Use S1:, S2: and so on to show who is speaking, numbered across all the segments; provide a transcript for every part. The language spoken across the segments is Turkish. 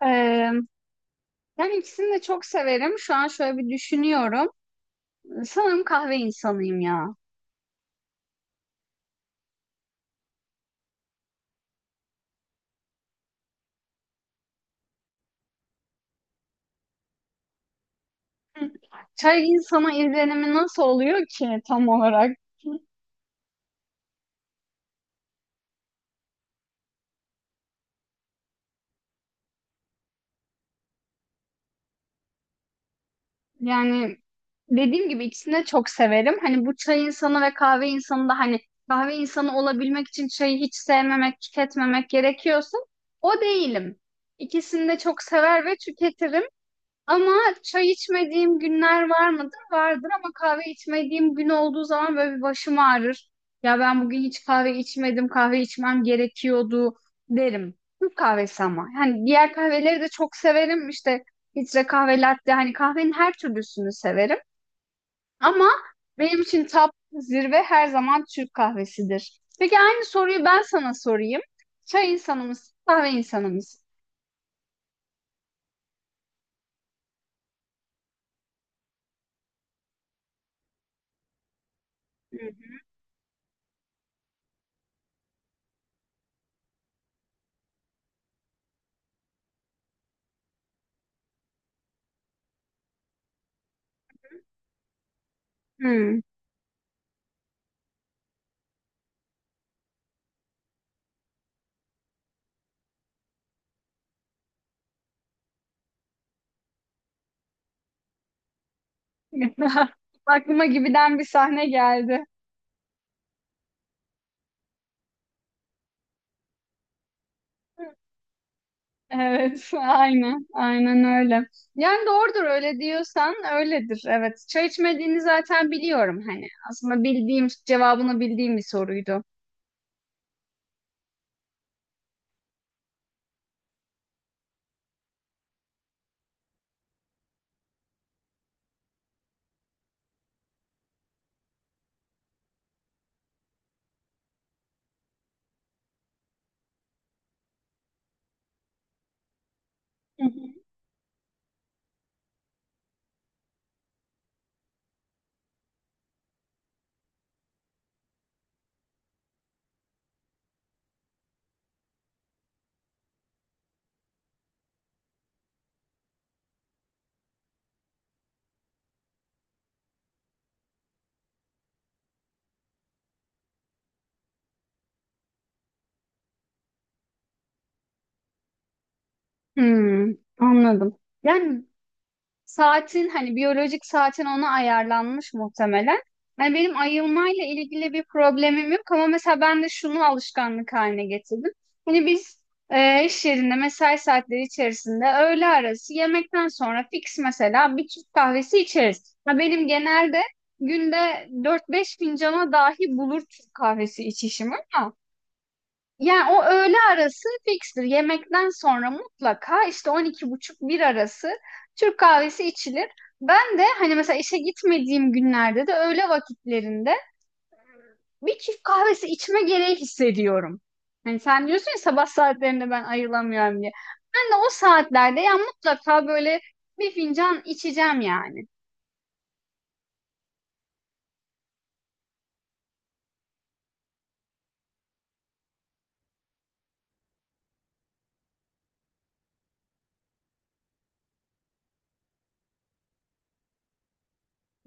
S1: Ee, yani ikisini de çok severim. Şu an şöyle bir düşünüyorum. Sanırım kahve insanıyım ya. Hı. Çay insana izlenimi nasıl oluyor ki tam olarak? Yani dediğim gibi ikisini de çok severim. Hani bu çay insanı ve kahve insanı da hani kahve insanı olabilmek için çayı hiç sevmemek, tüketmemek gerekiyorsa o değilim. İkisini de çok sever ve tüketirim. Ama çay içmediğim günler var mıdır? Vardır ama kahve içmediğim gün olduğu zaman böyle bir başım ağrır. Ya ben bugün hiç kahve içmedim, kahve içmem gerekiyordu derim. Türk kahvesi ama. Yani diğer kahveleri de çok severim. İşte filtre kahve, latte hani kahvenin her türlüsünü severim. Ama benim için top zirve her zaman Türk kahvesidir. Peki aynı soruyu ben sana sorayım. Çay insanımız, kahve insanımız. Hı. Hı. Aklıma gibiden bir sahne geldi. Evet, aynen, aynen öyle. Yani doğrudur öyle diyorsan öyledir. Evet, çay içmediğini zaten biliyorum hani. Aslında bildiğim, cevabını bildiğim bir soruydu. Hı hı. Hmm, anladım. Yani saatin hani biyolojik saatin ona ayarlanmış muhtemelen. Hani benim ayılmayla ilgili bir problemim yok ama mesela ben de şunu alışkanlık haline getirdim. Hani biz iş yerinde mesai saatleri içerisinde öğle arası yemekten sonra fix mesela bir Türk kahvesi içeriz. Ha, benim genelde günde dört beş fincana dahi bulur Türk kahvesi içişim ama yani o öğle arası fikstir. Yemekten sonra mutlaka işte 12:30 bir arası Türk kahvesi içilir. Ben de hani mesela işe gitmediğim günlerde de öğle vakitlerinde bir Türk kahvesi içme gereği hissediyorum. Hani sen diyorsun ya sabah saatlerinde ben ayrılamıyorum diye. Ben de o saatlerde ya mutlaka böyle bir fincan içeceğim yani.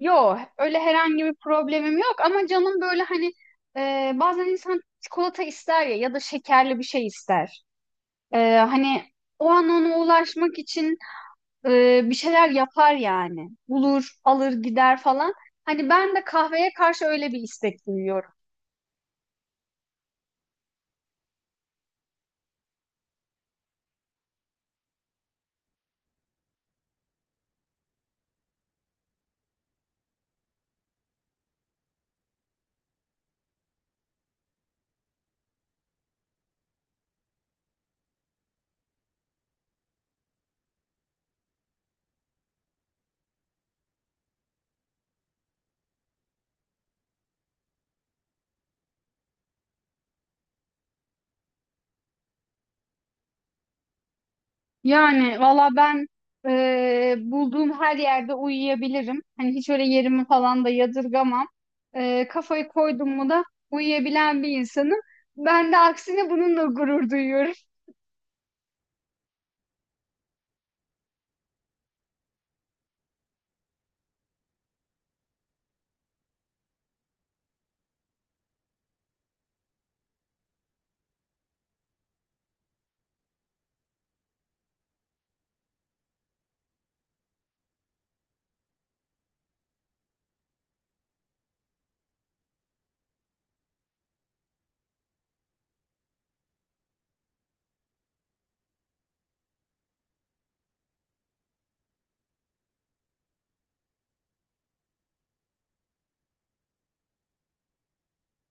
S1: Yok öyle herhangi bir problemim yok ama canım böyle hani bazen insan çikolata ister ya ya da şekerli bir şey ister. Hani o an ona ulaşmak için bir şeyler yapar yani. Bulur, alır, gider falan. Hani ben de kahveye karşı öyle bir istek duyuyorum. Yani valla ben bulduğum her yerde uyuyabilirim. Hani hiç öyle yerimi falan da yadırgamam. Kafayı koydum mu da uyuyabilen bir insanım. Ben de aksine bununla gurur duyuyorum.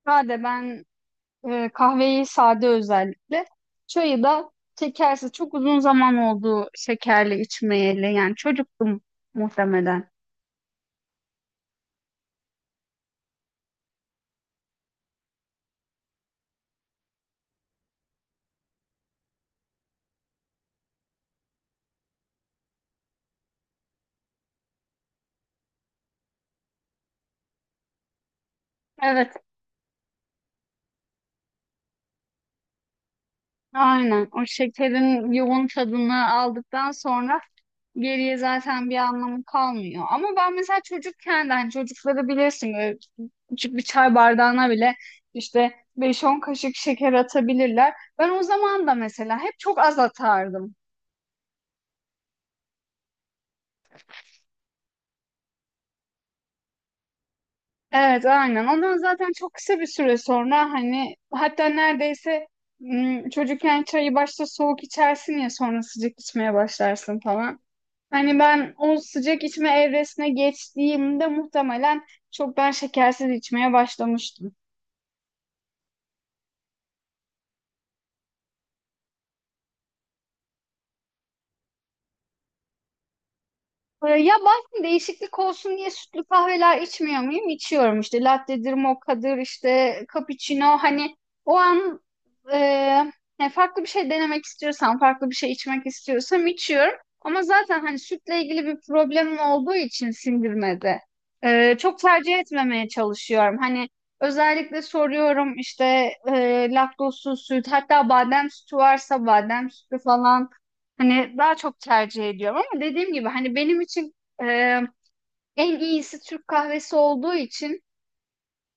S1: Hadi ben kahveyi sade özellikle. Çayı da şekersiz. Çok uzun zaman oldu şekerli içmeyeli. Yani çocuktum muhtemelen. Evet, aynen. O şekerin yoğun tadını aldıktan sonra geriye zaten bir anlamı kalmıyor. Ama ben mesela çocukken de hani çocukları bilirsin böyle küçük bir çay bardağına bile işte beş on kaşık şeker atabilirler. Ben o zaman da mesela hep çok az atardım. Evet, aynen. Ondan zaten çok kısa bir süre sonra hani hatta neredeyse çocukken çayı başta soğuk içersin ya sonra sıcak içmeye başlarsın falan. Hani ben o sıcak içme evresine geçtiğimde muhtemelen çoktan şekersiz içmeye başlamıştım. Ya bazen değişiklik olsun diye sütlü kahveler içmiyor muyum? İçiyorum işte latte'dir, mokka'dır, işte cappuccino hani o an e, yani farklı bir şey denemek istiyorsam, farklı bir şey içmek istiyorsam içiyorum. Ama zaten hani sütle ilgili bir problemim olduğu için sindirmede çok tercih etmemeye çalışıyorum. Hani özellikle soruyorum işte laktozsuz süt hatta badem sütü varsa badem sütü falan. Hani daha çok tercih ediyorum ama dediğim gibi hani benim için e, en iyisi Türk kahvesi olduğu için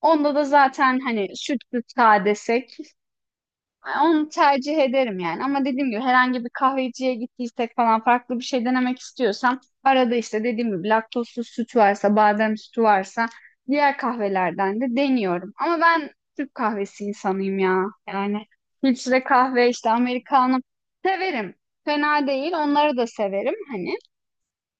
S1: onda da zaten hani sütlü sade desek onu tercih ederim yani. Ama dediğim gibi herhangi bir kahveciye gittiysek falan farklı bir şey denemek istiyorsam arada işte dediğim gibi laktozsuz süt varsa, badem sütü varsa diğer kahvelerden de deniyorum. Ama ben Türk kahvesi insanıyım ya. Yani filtre kahve işte Amerikanım severim. Fena değil. Onları da severim hani.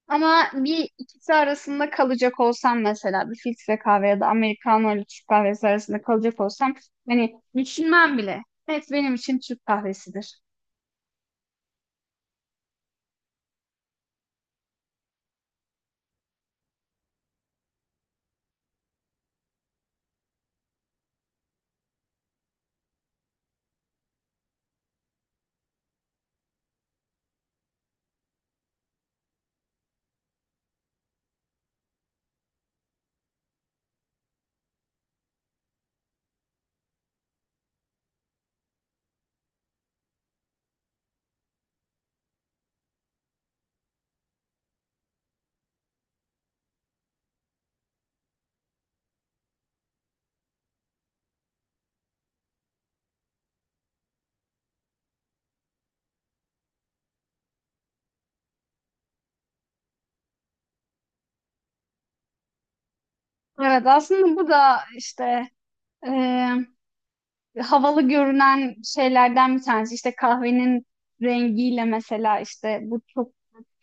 S1: Ama bir ikisi arasında kalacak olsam mesela bir filtre kahve ya da americano ile Türk kahvesi arasında kalacak olsam hani düşünmem bile. Evet benim için Türk kahvesidir. Evet, aslında bu da işte e, havalı görünen şeylerden bir tanesi. İşte kahvenin rengiyle mesela işte bu çok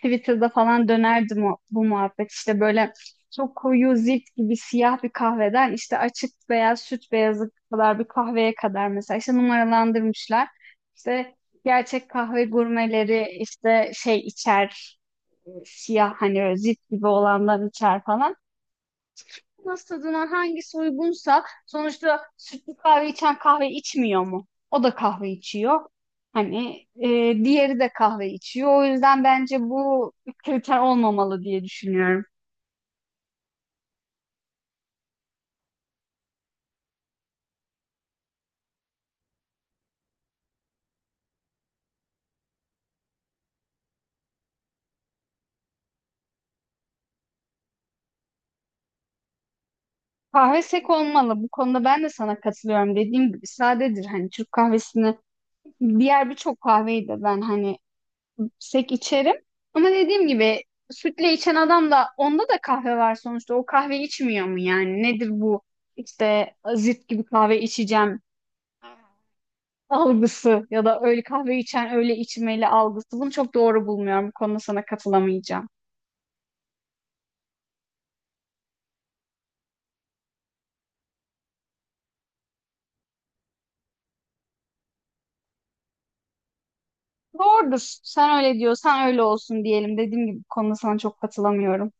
S1: Twitter'da falan dönerdi bu muhabbet. İşte böyle çok koyu zift gibi siyah bir kahveden işte açık beyaz süt beyazı kadar bir kahveye kadar mesela işte numaralandırmışlar. İşte gerçek kahve gurmeleri işte şey içer, siyah hani öyle zift gibi olandan içer falan. Nasıl tadına hangisi uygunsa sonuçta sütlü kahve içen kahve içmiyor mu? O da kahve içiyor. Hani diğeri de kahve içiyor. O yüzden bence bu kriter olmamalı diye düşünüyorum. Kahve sek olmalı. Bu konuda ben de sana katılıyorum. Dediğim gibi sadedir. Hani Türk kahvesini diğer birçok kahveyi de ben hani sek içerim. Ama dediğim gibi sütle içen adam da onda da kahve var sonuçta. O kahve içmiyor mu yani? Nedir bu işte zift gibi kahve içeceğim algısı ya da öyle kahve içen öyle içmeli algısı. Bunu çok doğru bulmuyorum. Bu konuda sana katılamayacağım. Doğrudur. Sen öyle diyorsan öyle olsun diyelim. Dediğim gibi bu konuda sana çok katılamıyorum.